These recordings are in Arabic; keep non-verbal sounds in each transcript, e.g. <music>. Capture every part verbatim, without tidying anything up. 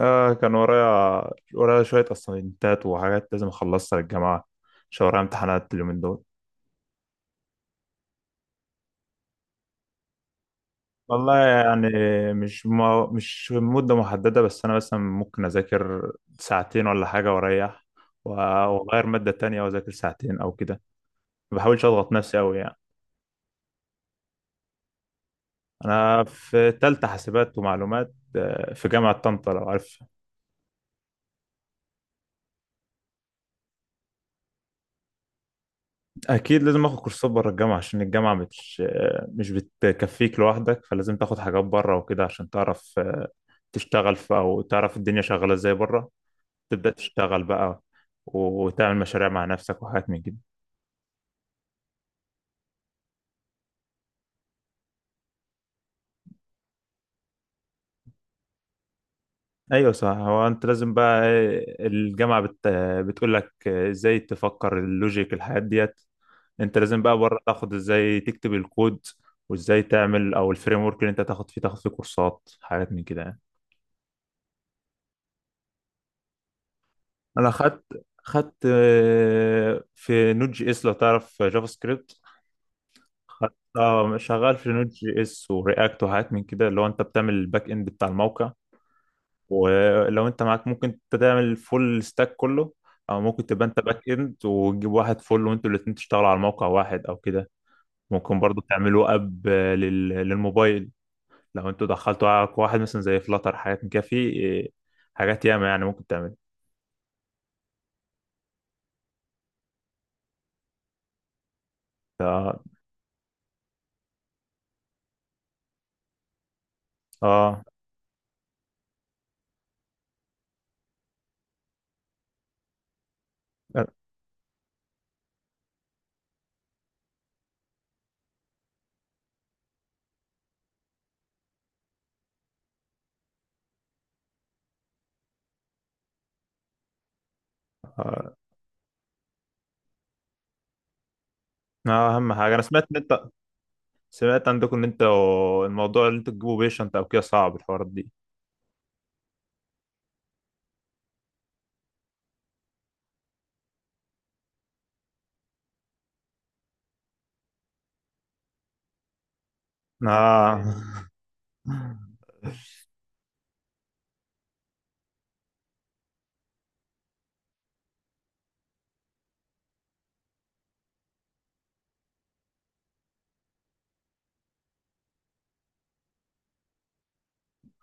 آه، كان ورايا ورايا شوية أسايمنتات وحاجات لازم أخلصها للجماعة، عشان ورايا امتحانات اليومين دول. والله يعني، مش ما مش مدة محددة، بس أنا مثلا ممكن أذاكر ساعتين ولا حاجة وأريح، و- وأغير مادة تانية وأذاكر ساعتين أو كده. ما بحاولش أضغط نفسي أوي يعني. أنا في تالتة حاسبات ومعلومات، آه، في جامعة طنطا لو عارف. أكيد لازم آخد كورسات بره الجامعة، عشان الجامعة مش آه، مش بتكفيك لوحدك، فلازم تاخد حاجات بره وكده عشان تعرف تشتغل في، او تعرف الدنيا شغاله ازاي بره. تبدا تشتغل بقى، وتعمل مشاريع مع نفسك وحاجات من كده. ايوه صح، هو انت لازم بقى إيه، الجامعه بت... بتقول لك ازاي تفكر اللوجيك الحاجات ديت. انت لازم بقى بره تاخد ازاي تكتب الكود، وازاي تعمل او الفريم ورك، اللي انت تاخد فيه تاخد فيه كورسات حاجات من كده يعني. انا خدت خدت آه، في نوت جي اس لو تعرف جافا سكريبت. خ- اه، شغال في نود جي اس ورياكت وحاجات من كده، اللي هو انت بتعمل الباك اند بتاع الموقع. ولو انت معاك، ممكن انت تعمل فول ستاك كله، او ممكن تبقى انت باك اند وتجيب واحد فول، وانتوا الاتنين تشتغلوا على موقع واحد او كده. ممكن برضو تعملوا اب، آه، لل- للموبايل. لو انتوا دخلتوا على واحد مثلا زي فلاتر حاجات من كده، في آه، حاجات ياما يعني ممكن تعمل. اه، اه، آه، آه، اهم حاجه، انا سمعت ان انت سمعت عندكم ان انت الموضوع اللي انتوا تجيبوا بيشنت او كده، صعب الحوارات دي. اه،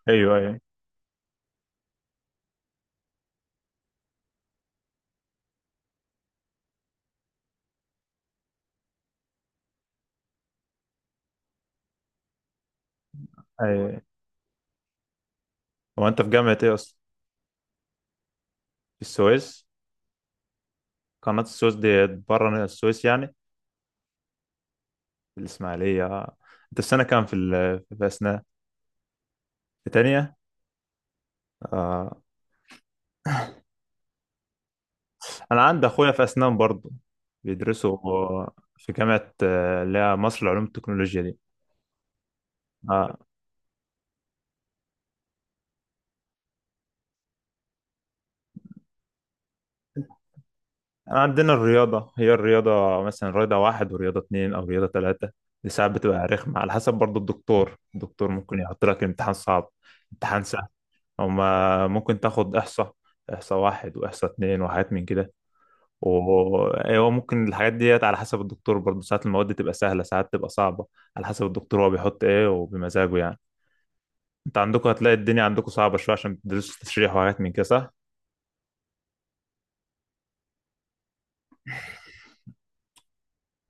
ايوه، ايوه، ايوه. هو انت في جامعة ايه اصلا؟ في السويس؟ قناة السويس دي بره السويس يعني؟ في الاسماعيلية. آه. انت السنة كام في ال... في اسنان؟ في تانية؟ آه. انا عندي اخويا في اسنان برضه، بيدرسوا في جامعة آه، اللي هي مصر لعلوم التكنولوجيا دي. آه. عندنا الرياضة، هي الرياضة مثلا رياضة واحد ورياضة اتنين أو رياضة تلاتة. دي ساعات بتبقى رخمة، على حسب برضه الدكتور. الدكتور ممكن يحط لك امتحان صعب، امتحان سهل. هما ممكن تاخد إحصاء. إحصاء واحد وإحصاء اتنين وحاجات من كده. وهو ممكن الحاجات ديت على حسب الدكتور برضه، ساعات المواد تبقى سهلة ساعات تبقى صعبة. على حسب الدكتور هو بيحط إيه، وبمزاجه يعني. أنت عندكم هتلاقي الدنيا عندكم صعبة شوية، عشان بتدرسوا تشريح وحاجات من كده، صح؟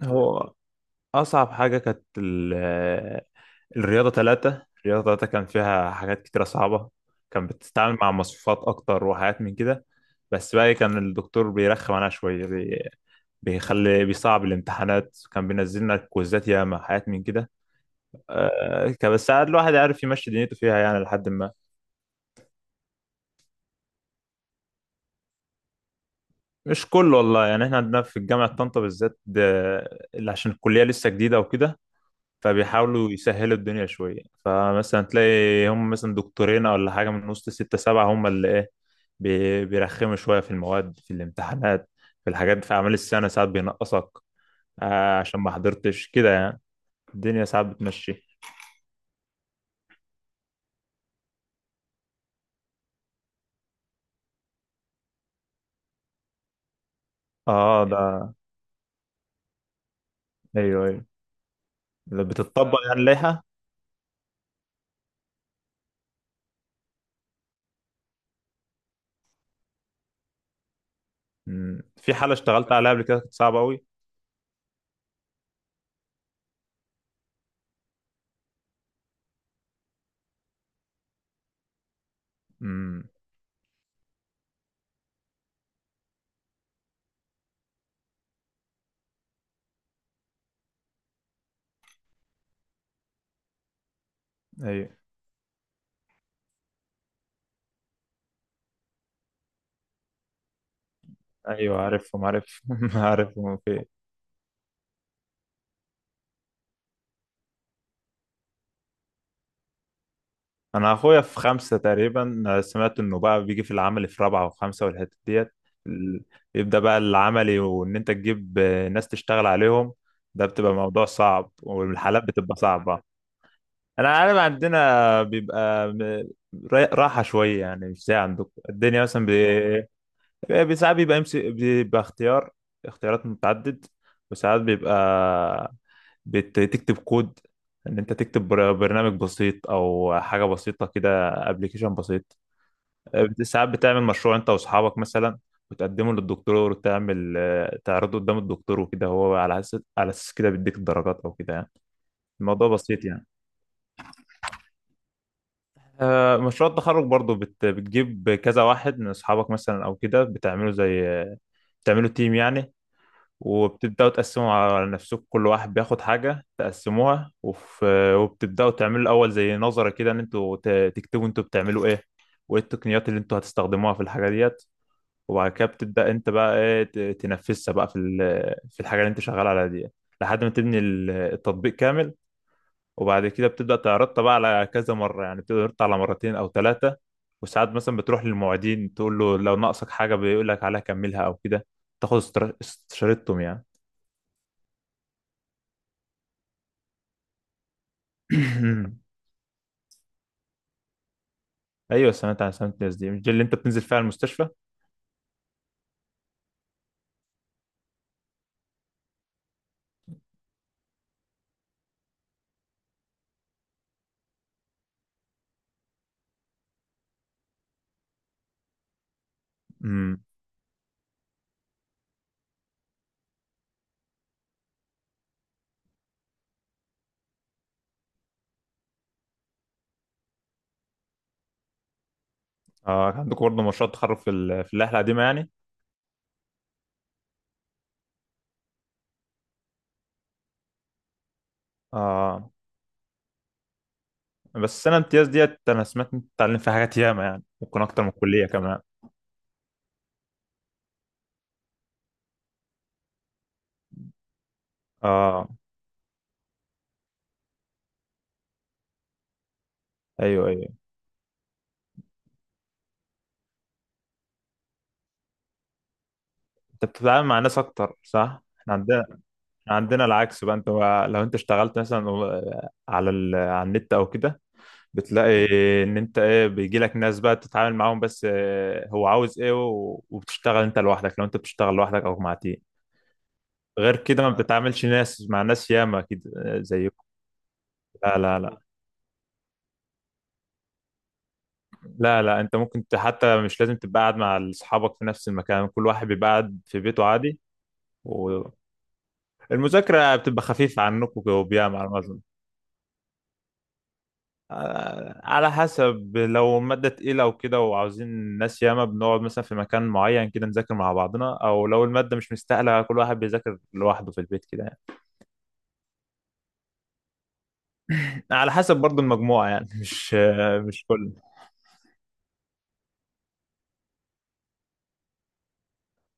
هو أصعب حاجة كانت ال- الرياضة تلاتة. الرياضة تلاتة كان فيها حاجات كتيرة صعبة، كان بتتعامل مع مصفوفات أكتر وحاجات من كده. بس بقى، إيه، كان الدكتور بيرخم عليها شوية، بيخلي بيصعب الامتحانات، كان بينزل لنا كويزات ياما حاجات من كده. آه كان، بس ساعات الواحد عارف يمشي دنيته فيها يعني لحد ما. مش كله والله يعني، احنا عندنا في الجامعة طنطا بالذات ده- اللي عشان الكلية لسه جديدة وكده، فبيحاولوا يسهلوا الدنيا شوية، فمثلا تلاقي هم مثلا دكتورين ولا حاجة من وسط ستة سبعة هم اللي ايه، بي- بيرخموا شوية في المواد، في الامتحانات، في الحاجات. في أعمال السنة ساعات بينقصك آه عشان ما حضرتش كده يعني. الدنيا ساعات بتمشي. اه، ده، ايوه، ايوه، لو بتطبق يعني اللائحه. أمم. في حاله اشتغلت عليها قبل كده كانت صعبه قوي. أمم. ايوه، ايوه، عارفهم، عارفهم، <laughs> عارفهم في إيه. انا اخويا في خمسه تقريبا، سمعت انه بقى بيجي في العمل في رابعه وخمسه والحته ديت، ال- يبدا بقى العملي، وان انت تجيب ناس تشتغل عليهم، ده بتبقى موضوع صعب والحالات بتبقى صعبه. انا عارف عندنا بيبقى م- راحه شويه يعني، مش زي عندكم الدنيا مثلا. بي- ساعات بيبقى امسك، بيبقى اختيار، اختيارات متعدد، وساعات بيبقى بتكتب كود، ان انت تكتب بر- برنامج بسيط او حاجه بسيطه كده، ابلكيشن بسيط. ساعات بتعمل مشروع انت واصحابك مثلا، وتقدمه للدكتور، وتعمل آه، تعرضه قدام الدكتور وكده، هو على اساس على اساس كده بيديك الدرجات او كده يعني. الموضوع بسيط يعني. آه، مشروع التخرج برضو بت... بتجيب كذا واحد من اصحابك مثلا او كده، بتعملوا زي بتعملوا تيم يعني، وبتبدأوا تقسموا على نفسكم، كل واحد بياخد حاجة تقسموها، وفي وبتبدأوا تعملوا الأول زي نظرة كده، إن أنتوا ت- تكتبوا أنتوا بتعملوا إيه، وإيه التقنيات اللي أنتوا هتستخدموها في الحاجة ديت. وبعد كده بتبدأ أنت بقى إيه ت- تنفذها بقى في ال- في الحاجة اللي أنت شغال عليها دي، لحد ما تبني ال- التطبيق كامل. وبعد كده بتبدأ تعرضها بقى على كذا مرة يعني، بتبدأ تعرضها على مرتين أو ثلاثة، وساعات مثلا بتروح للمعيدين تقول له لو ناقصك حاجة بيقول لك عليها كملها أو كده، تاخد استر- استشارتهم يعني. ايوه، سمعت عن سمعت الناس دي، مش دي اللي انت بتنزل فيها المستشفى؟ امم. اه كان عندكم برضه مشروع تخرج في ال... في اللائحه القديمه يعني. اه، بس السنه الامتياز ديت، انا سمعت انت بتتعلم فيها حاجات ياما يعني ممكن اكتر من الكليه كمان. اه، ايوه، ايوه. انت بتتعامل مع ناس اكتر، صح؟ احنا عندنا، إحنا عندنا العكس بقى، انت بقى- لو انت اشتغلت مثلا على ال... على النت او كده، بتلاقي ان انت ايه، بيجي لك ناس بقى تتعامل معاهم، بس آه، هو عاوز ايه، و... وبتشتغل انت لوحدك، لو انت بتشتغل لوحدك او مع تيم. غير كده ما بتتعاملش ناس مع ناس ياما، اكيد آه، زيكم. لا، لا، لا. لا، لا، انت ممكن ت- حتى مش لازم تبقى قاعد مع اصحابك في نفس المكان، كل واحد بيبقى قاعد في بيته عادي. والمذاكرة بتبقى خفيفة عنكم، وبياما على ما اظن. آه، على حسب، لو مادة تقيلة وكده وعاوزين ناس ياما، بنقعد مثلا في مكان معين كده نذاكر مع بعضنا، او لو المادة مش مستاهلة كل واحد بيذاكر لوحده في البيت كده يعني. على حسب برضو المجموعة يعني، مش آه، مش كل.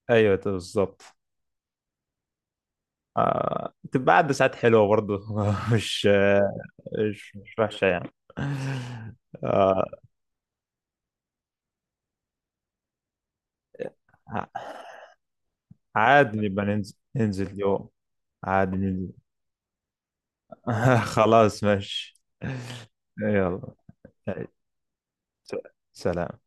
ايوه بالظبط. بتبقى قاعدة ساعات حلوة برضه <laughs> مش مش مش وحشة يعني. آه، عادي نبقى ننزل ننزل يوم. عادي ننزل. <laughs> خلاص ماشي. يلا. سلام.